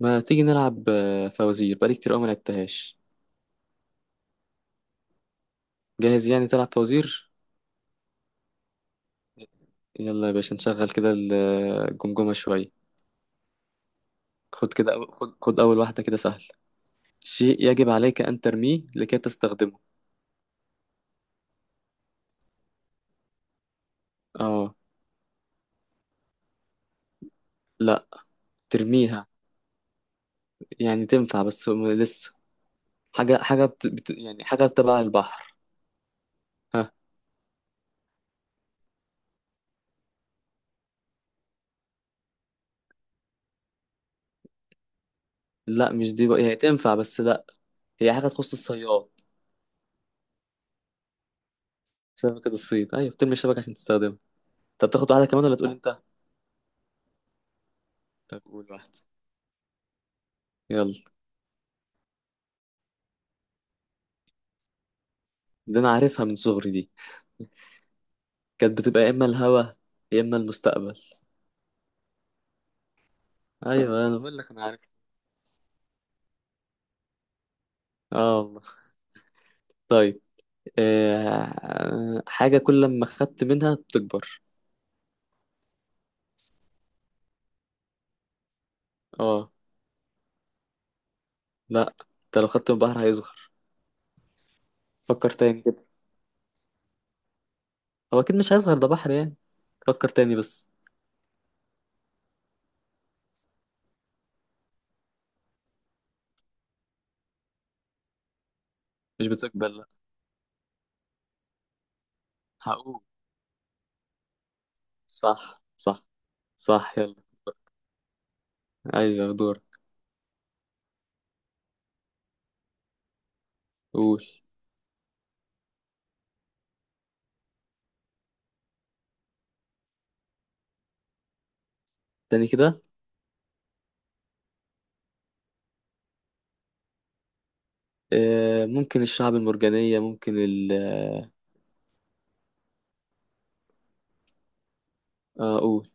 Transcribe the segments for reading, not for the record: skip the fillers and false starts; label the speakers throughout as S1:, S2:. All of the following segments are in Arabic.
S1: ما تيجي نلعب فوازير، بقالي كتير قوي ما لعبتهاش. جاهز يعني تلعب فوازير؟ يلا يا باشا نشغل كده الجمجمة شوية. خد كده خد أول واحدة كده سهل. شيء يجب عليك أن ترميه لكي تستخدمه. اه. لا. ترميها. يعني تنفع بس لسه. حاجة يعني حاجة تبع البحر. ها. لا مش دي بقى، يعني تنفع بس لا. هي حاجة تخص الصياد. شبكة الصيد، أيوة بترمي الشبكة عشان تستخدمها. طب تاخد واحدة كمان ولا تقول أنت؟ طب قول واحدة. يلا. دي انا عارفها من صغري دي. كانت بتبقى يا اما الهوا، يا اما المستقبل. ايوه انا بقول لك انا عارف. اه والله. طيب. حاجه كل ما خدت منها بتكبر. اه. لا. انت لو خدت من البحر هيصغر. فكر تاني كده. هو اكيد مش هيصغر، ده بحر يعني. فكر تاني بس. مش بتكبر لا. هقول. صح صح. صح يلا. ايوه دور. قول. تاني كده. آه ممكن الشعب المرجانيه، ممكن ال آه، قول.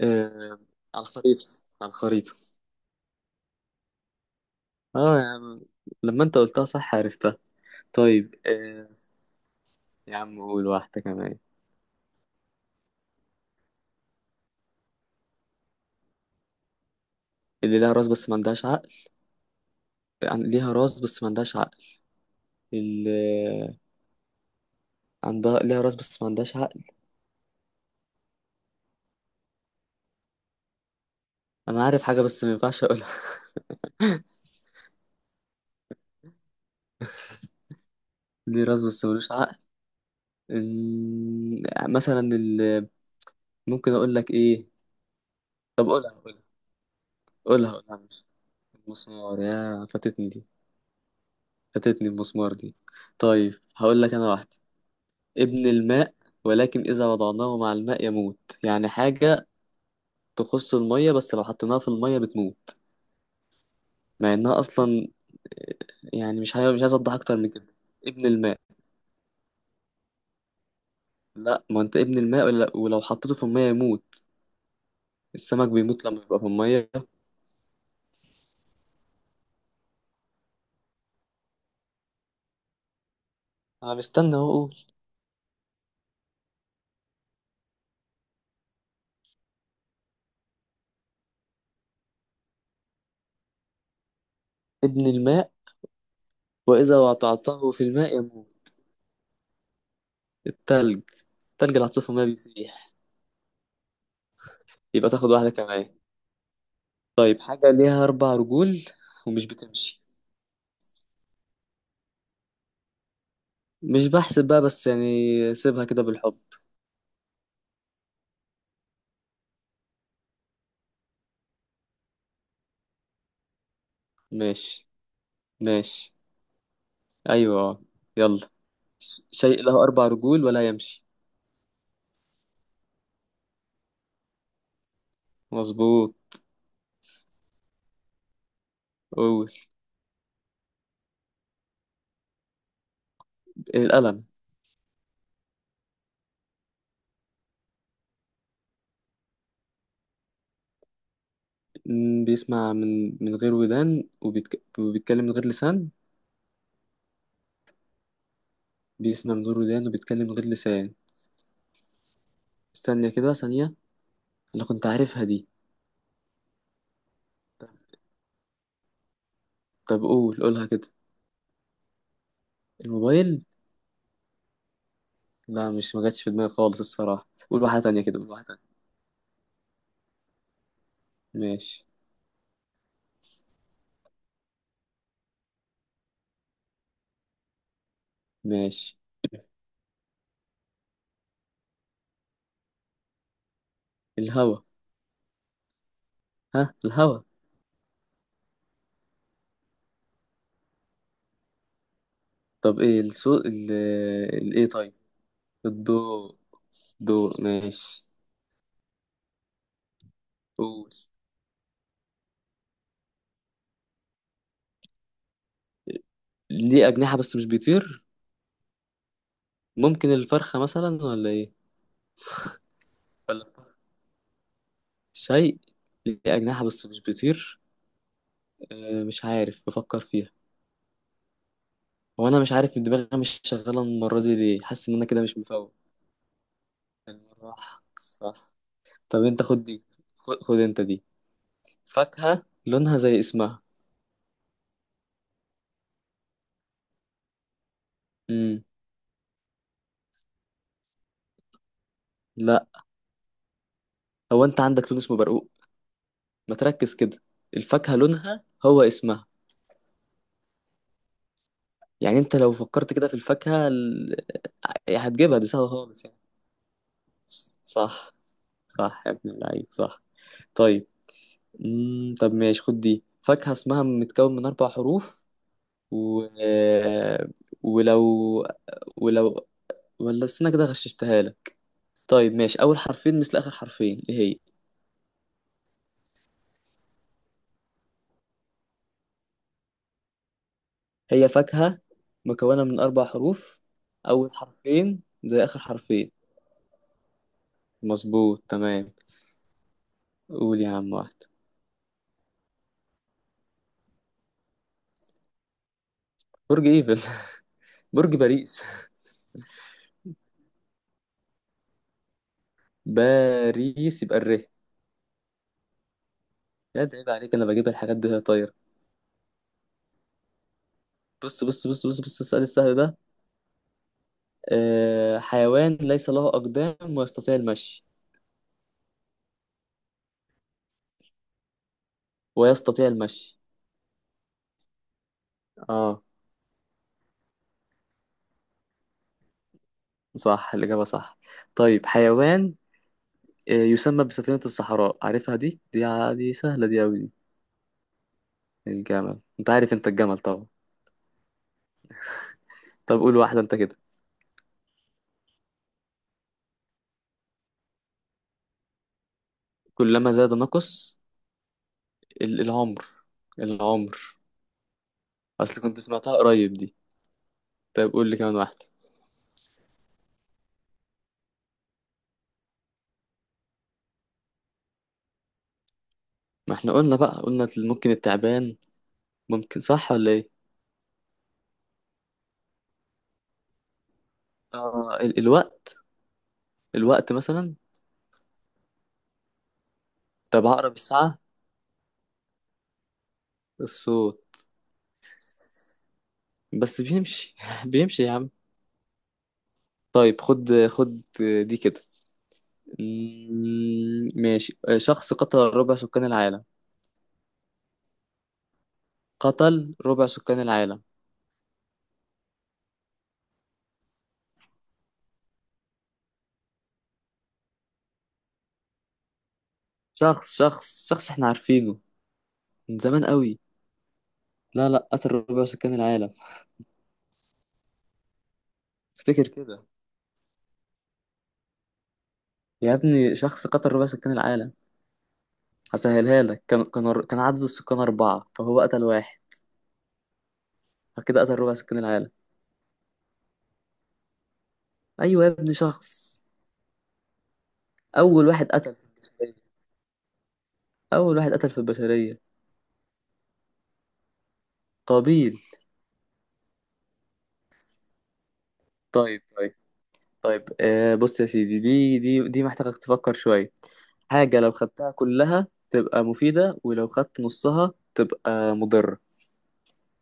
S1: آه. على الخريطة. على الخريطة. اه يا عم، لما انت قلتها صح عرفتها. طيب يا عم قول واحدة كمان. اللي لها راس بس ما عندهاش عقل. ليها راس بس ما عندهاش عقل. اللي عندها ليها راس بس ما عندهاش عقل. انا عارف حاجة بس ما ينفعش اقولها. ليه راس بس ملوش عقل. مثلا ال... ممكن اقول لك ايه. طب قولها قولها، قولها قولها مش. المسمار، يا فاتتني دي. فاتتني المسمار دي. طيب هقول لك انا واحدة. ابن الماء ولكن إذا وضعناه مع الماء يموت. يعني حاجة تخص المية بس لو حطيناها في المية بتموت، مع إنها أصلا، يعني مش عايز أوضح أكتر من كده. ابن الماء. لا، ما أنت ابن الماء، ولو حطيته في المية يموت. السمك بيموت لما يبقى في المية. أنا مستنى أهو أقول. ابن الماء وإذا وضعته في الماء يموت. التلج. التلج اللي حطيته في المية بيسيح. يبقى تاخد واحدة كمان. طيب، حاجة ليها أربع رجول ومش بتمشي. مش بحسب بقى، بس يعني سيبها كده بالحب. ماشي. ماشي. أيوة آه. يلا. شيء له أربع رجول ولا يمشي. مظبوط. أول، القلم. بيسمع من غير ودان وبيتكلم من غير لسان. بيسمع من غير ودان وبيتكلم من غير لسان. استنى كده ثانية، أنا كنت عارفها دي. طب قول، قولها كده. الموبايل. لا، مش ما جاتش في دماغي خالص الصراحة، قول واحدة تانية كده، قول واحدة تانية. ماشي. ماشي. الهوا. ها الهوا. طب ايه الصوت ال... الايه؟ طيب. الضوء. دور ماشي. قول. ليه أجنحة بس مش بيطير. ممكن الفرخة مثلا ولا إيه؟ ولا الفرخة؟ شيء ليه أجنحة بس مش بيطير. آه مش عارف، بفكر فيها. هو أنا مش عارف إن دماغي مش شغالة المرة دي ليه، حاسس إن أنا كده مش مفوق. الراحة صح. طب أنت خد دي. خد أنت دي. فاكهة لونها زي اسمها. مم. لا. هو أنت عندك لون اسمه برقوق؟ ما تركز كده. الفاكهة لونها هو اسمها، يعني أنت لو فكرت كده في الفاكهة، إيه هتجيبها، دي سهلة خالص يعني. صح. صح يا ابن اللعيب صح. طيب. مم. طب ماشي خد دي، فاكهة اسمها متكون من أربع حروف و... آه، ولو ولو ولا استنى كده، غششتها لك. طيب ماشي، أول حرفين مثل آخر حرفين، إيه هي؟ هي فاكهة مكونة من أربع حروف، أول حرفين زي آخر حرفين. مظبوط تمام. قول يا عم واحد. برج ايفل. برج باريس. باريس، يبقى الر. يا ده عيب عليك، انا بجيب الحاجات دي وهي طايره. بص بص بص بص بص، السؤال السهل ده. حيوان ليس له اقدام ويستطيع المشي. ويستطيع المشي. اه. صح الاجابه صح. طيب حيوان يسمى بسفينه الصحراء، عارفها دي، دي سهله دي قوي دي. الجمل، انت عارف انت الجمل طبعا. طب قول واحده انت كده. كلما زاد نقص. العمر. العمر. اصل كنت سمعتها قريب دي. طيب قول لي كمان واحده. ما احنا قلنا بقى، قلنا ممكن التعبان. ممكن صح ولا ايه؟ آه الوقت. الوقت مثلا. طب هقرب الساعة. الصوت. بس بيمشي بيمشي يا عم. طيب خد خد، دي كده. ماشي، شخص قتل ربع سكان العالم. قتل ربع سكان العالم. شخص احنا عارفينه من زمان قوي. لا لا قتل ربع سكان العالم. افتكر كده. يا ابني شخص قتل ربع سكان العالم. هسهلها لك، كان عدد السكان أربعة فهو قتل واحد، فكده قتل ربع سكان العالم. أيوة يا ابني شخص. أول واحد قتل في البشرية. أول واحد قتل في البشرية. قابيل. طيب طيب طيب. بص يا سيدي، دي محتاجك تفكر شوية. حاجة لو خدتها كلها تبقى مفيدة ولو خدت نصها تبقى مضرة.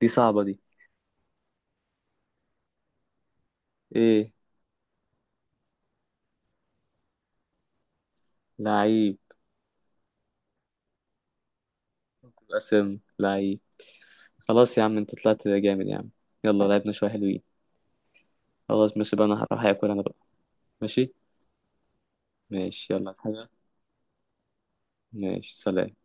S1: دي صعبة دي. إيه. لعيب. قسم لعيب. خلاص يا عم، أنت طلعت جامد يا عم. يلا لعبنا شوية حلوين. خلاص ماشي بقى، أنا هروح أكل أنا بقى. ماشي. ماشي يلا حاجة. ماشي سلام.